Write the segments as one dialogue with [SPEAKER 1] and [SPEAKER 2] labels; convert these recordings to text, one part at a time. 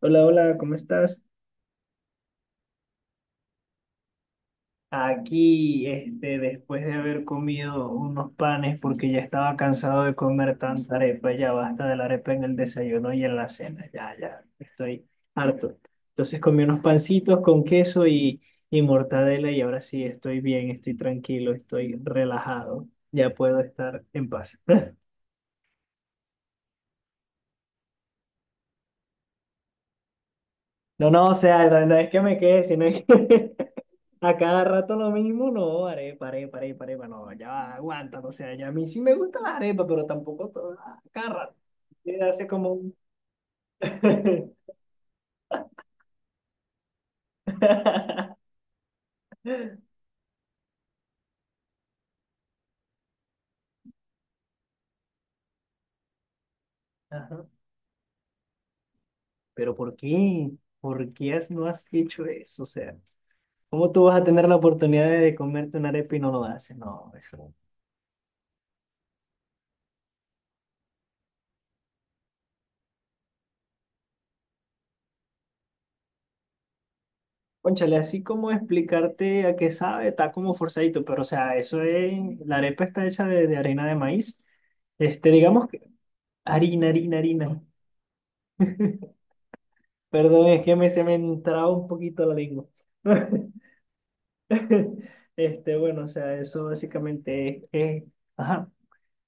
[SPEAKER 1] Hola, hola, ¿cómo estás? Aquí, después de haber comido unos panes, porque ya estaba cansado de comer tanta arepa, ya basta de la arepa en el desayuno y en la cena, ya, ya, estoy harto. Entonces comí unos pancitos con queso y mortadela y ahora sí estoy bien, estoy tranquilo, estoy relajado, ya puedo estar en paz. No, no, o sea, no es que me quede, sino es que a cada rato lo mismo, no, arepa, arepa, arepa, arepa, no, ya va, aguanta, o sea, ya a mí sí me gusta la arepa, pero tampoco a cada rato. Hace como un... Ajá. Pero ¿por qué? ¿Por qué no has hecho eso? O sea, ¿cómo tú vas a tener la oportunidad de comerte una arepa y no lo haces? No, eso. Cónchale, así como explicarte a qué sabe, está como forzadito, pero o sea, eso es, la arepa está hecha de harina de maíz. Digamos que harina, harina. Perdón, es que se me entraba un poquito la lengua. Bueno, o sea, eso básicamente es, ajá,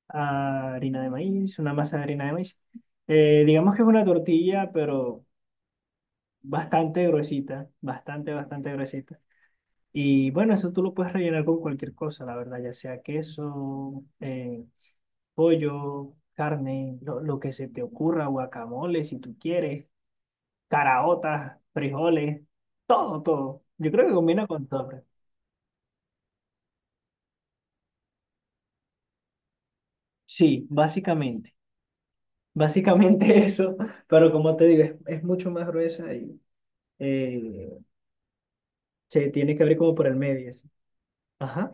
[SPEAKER 1] harina de maíz, una masa de harina de maíz. Digamos que es una tortilla, pero bastante gruesita, bastante, bastante gruesita. Y bueno, eso tú lo puedes rellenar con cualquier cosa, la verdad, ya sea queso, pollo, carne, lo que se te ocurra, guacamole, si tú quieres. Caraotas, frijoles, todo, todo. Yo creo que combina con todo. Sí, básicamente. Básicamente eso, pero como te digo, es mucho más gruesa y eh, se tiene que abrir como por el medio. Así. Ajá.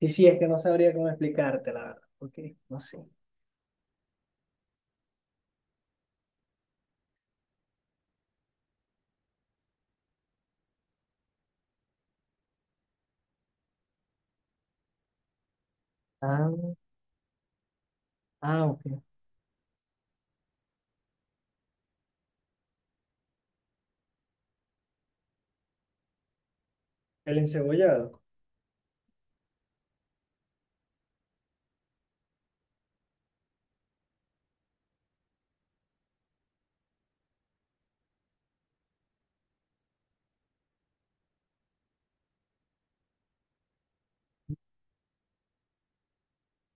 [SPEAKER 1] Y sí, es que no sabría cómo explicarte, la verdad. Ok, no sé. Ah, ah, ok. El encebollado.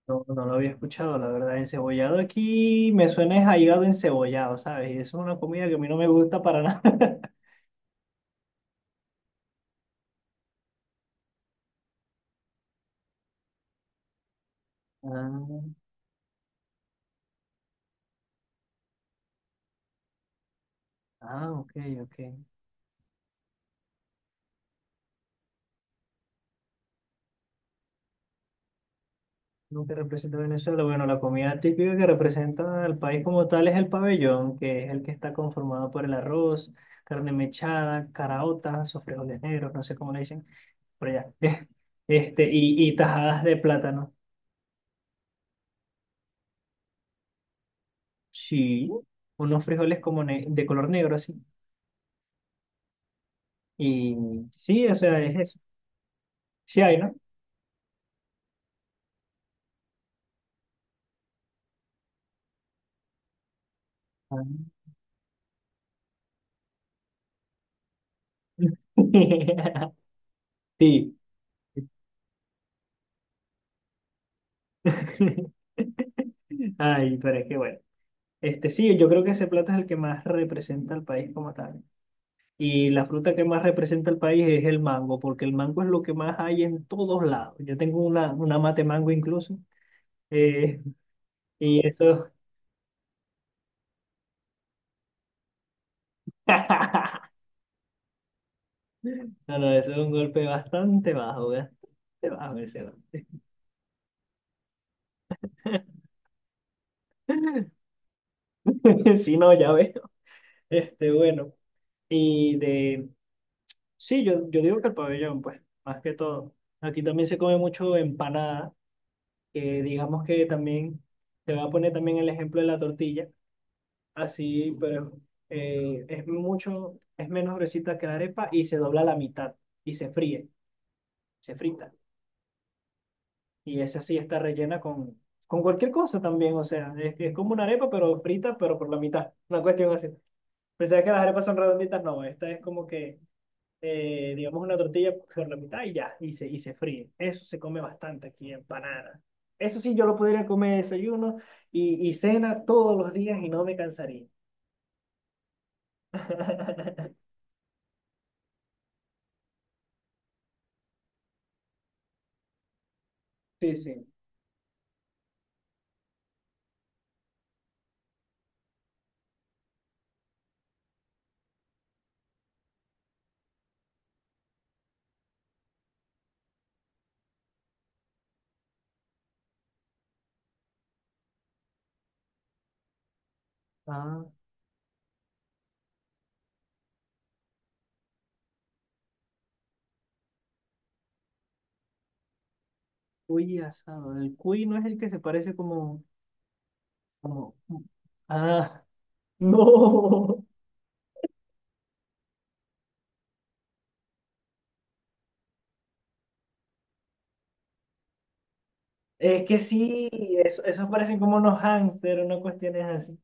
[SPEAKER 1] No, no lo había escuchado, la verdad. Encebollado aquí me suena es a hígado encebollado, ¿sabes? Y eso es una comida que a mí no me gusta para nada. Ah, ah, ok, ok. Lo que representa Venezuela, bueno, la comida típica que representa al país como tal es el pabellón, que es el que está conformado por el arroz, carne mechada, caraotas o frijoles negros, no sé cómo le dicen, por allá. Y tajadas de plátano. Sí, unos frijoles como de color negro así. Y sí, o sea, es eso. Sí hay, ¿no? Ah. Sí. Ay, pero es que bueno. Sí, yo creo que ese plato es el que más representa al país como tal. Y la fruta que más representa el país es el mango, porque el mango es lo que más hay en todos lados. Yo tengo una mate mango incluso. eh, y eso, no, no, eso es un golpe bastante bajo ese golpe. Si no, ya veo. Bueno, y de, sí, yo digo que el pabellón, pues, más que todo. Aquí también se come mucho empanada, que digamos que también, te voy a poner también el ejemplo de la tortilla. Así, pero es mucho, es menos gruesita que la arepa y se dobla a la mitad y se fríe, se frita. Y esa sí está rellena con cualquier cosa también, o sea, es como una arepa, pero frita, pero por la mitad, una cuestión así. Pensaba que las arepas son redonditas, no, esta es como que, digamos, una tortilla por la mitad y ya, y se fríe. Eso se come bastante aquí, empanada. Eso sí, yo lo podría comer de desayuno y cena todos los días y no me cansaría. Sí, sí. Ah. Cuy asado. El cuy no es el que se parece como, como... Ah, no. Es que sí, eso, esos parecen como unos hámster, una cuestión es así.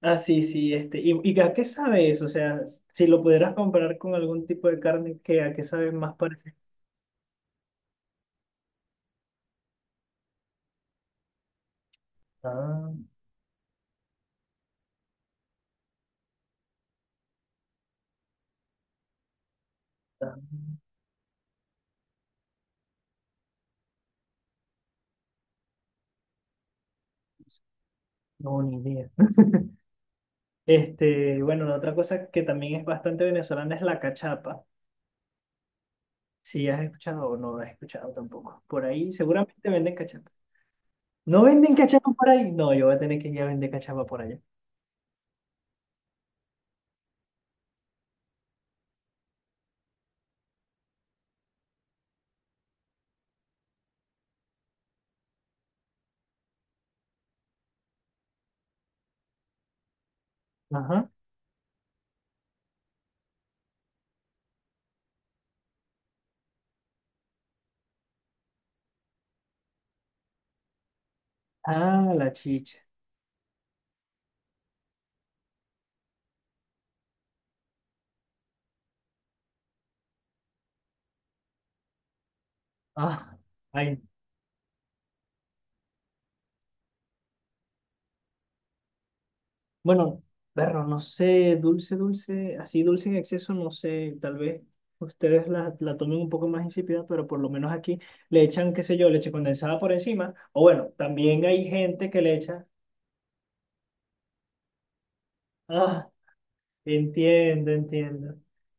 [SPEAKER 1] Ah, sí, sí, este. Y a qué sabe eso? O sea, si lo pudieras comparar con algún tipo de carne, ¿qué, a qué sabe más parecido? Ah, ah, no, ni idea. Bueno, la otra cosa que también es bastante venezolana es la cachapa. Si has escuchado o no has escuchado tampoco. Por ahí seguramente venden cachapa. ¿No venden cachapa por ahí? No, yo voy a tener que ir a vender cachapa por allá. Ajá. Ah, la chicha. Ah, ay. Bueno, perro, no sé, dulce, dulce, así dulce en exceso, no sé, tal vez ustedes la tomen un poco más insípida, pero por lo menos aquí le echan, qué sé yo, leche condensada por encima. O bueno, también hay gente que le echa. Ah, entiendo, entiendo.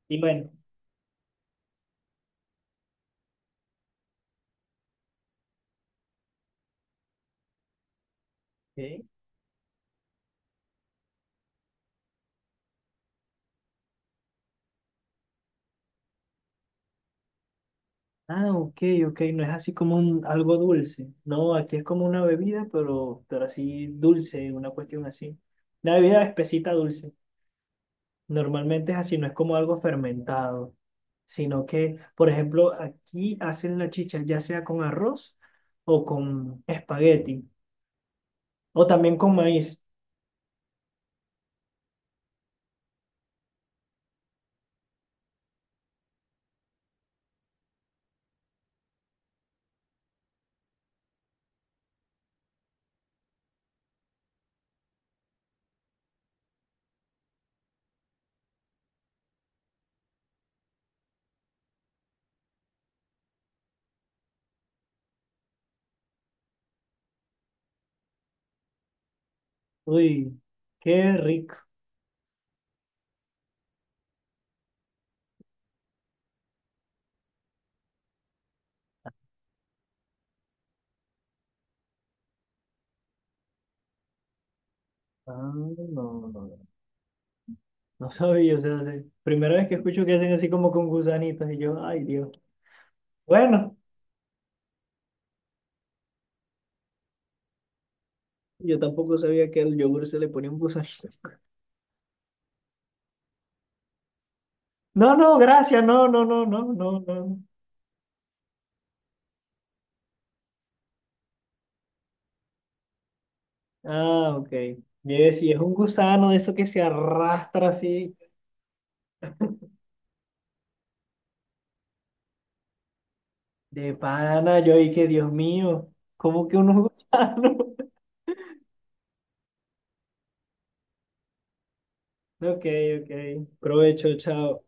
[SPEAKER 1] Y bueno, ok. Ah, ok, ok, no es así como un, algo dulce. No, aquí es como una bebida, pero así dulce, una cuestión así. Una bebida espesita dulce. Normalmente es así, no es como algo fermentado, sino que, por ejemplo, aquí hacen la chicha ya sea con arroz o con espagueti, o también con maíz. Uy, qué rico. Ah, no, no, no, no sabía, o sea, primera vez que escucho que hacen así como con gusanitos y yo, ay Dios. Bueno. Yo tampoco sabía que al yogur se le ponía un gusanito. No, no, gracias, no, no, no, no, no, no. Ah, ok. Yo decía, es un gusano de eso que se arrastra así de pana. Yo y que Dios mío, ¿cómo que unos gusanos? Ok, ok. Provecho, chao.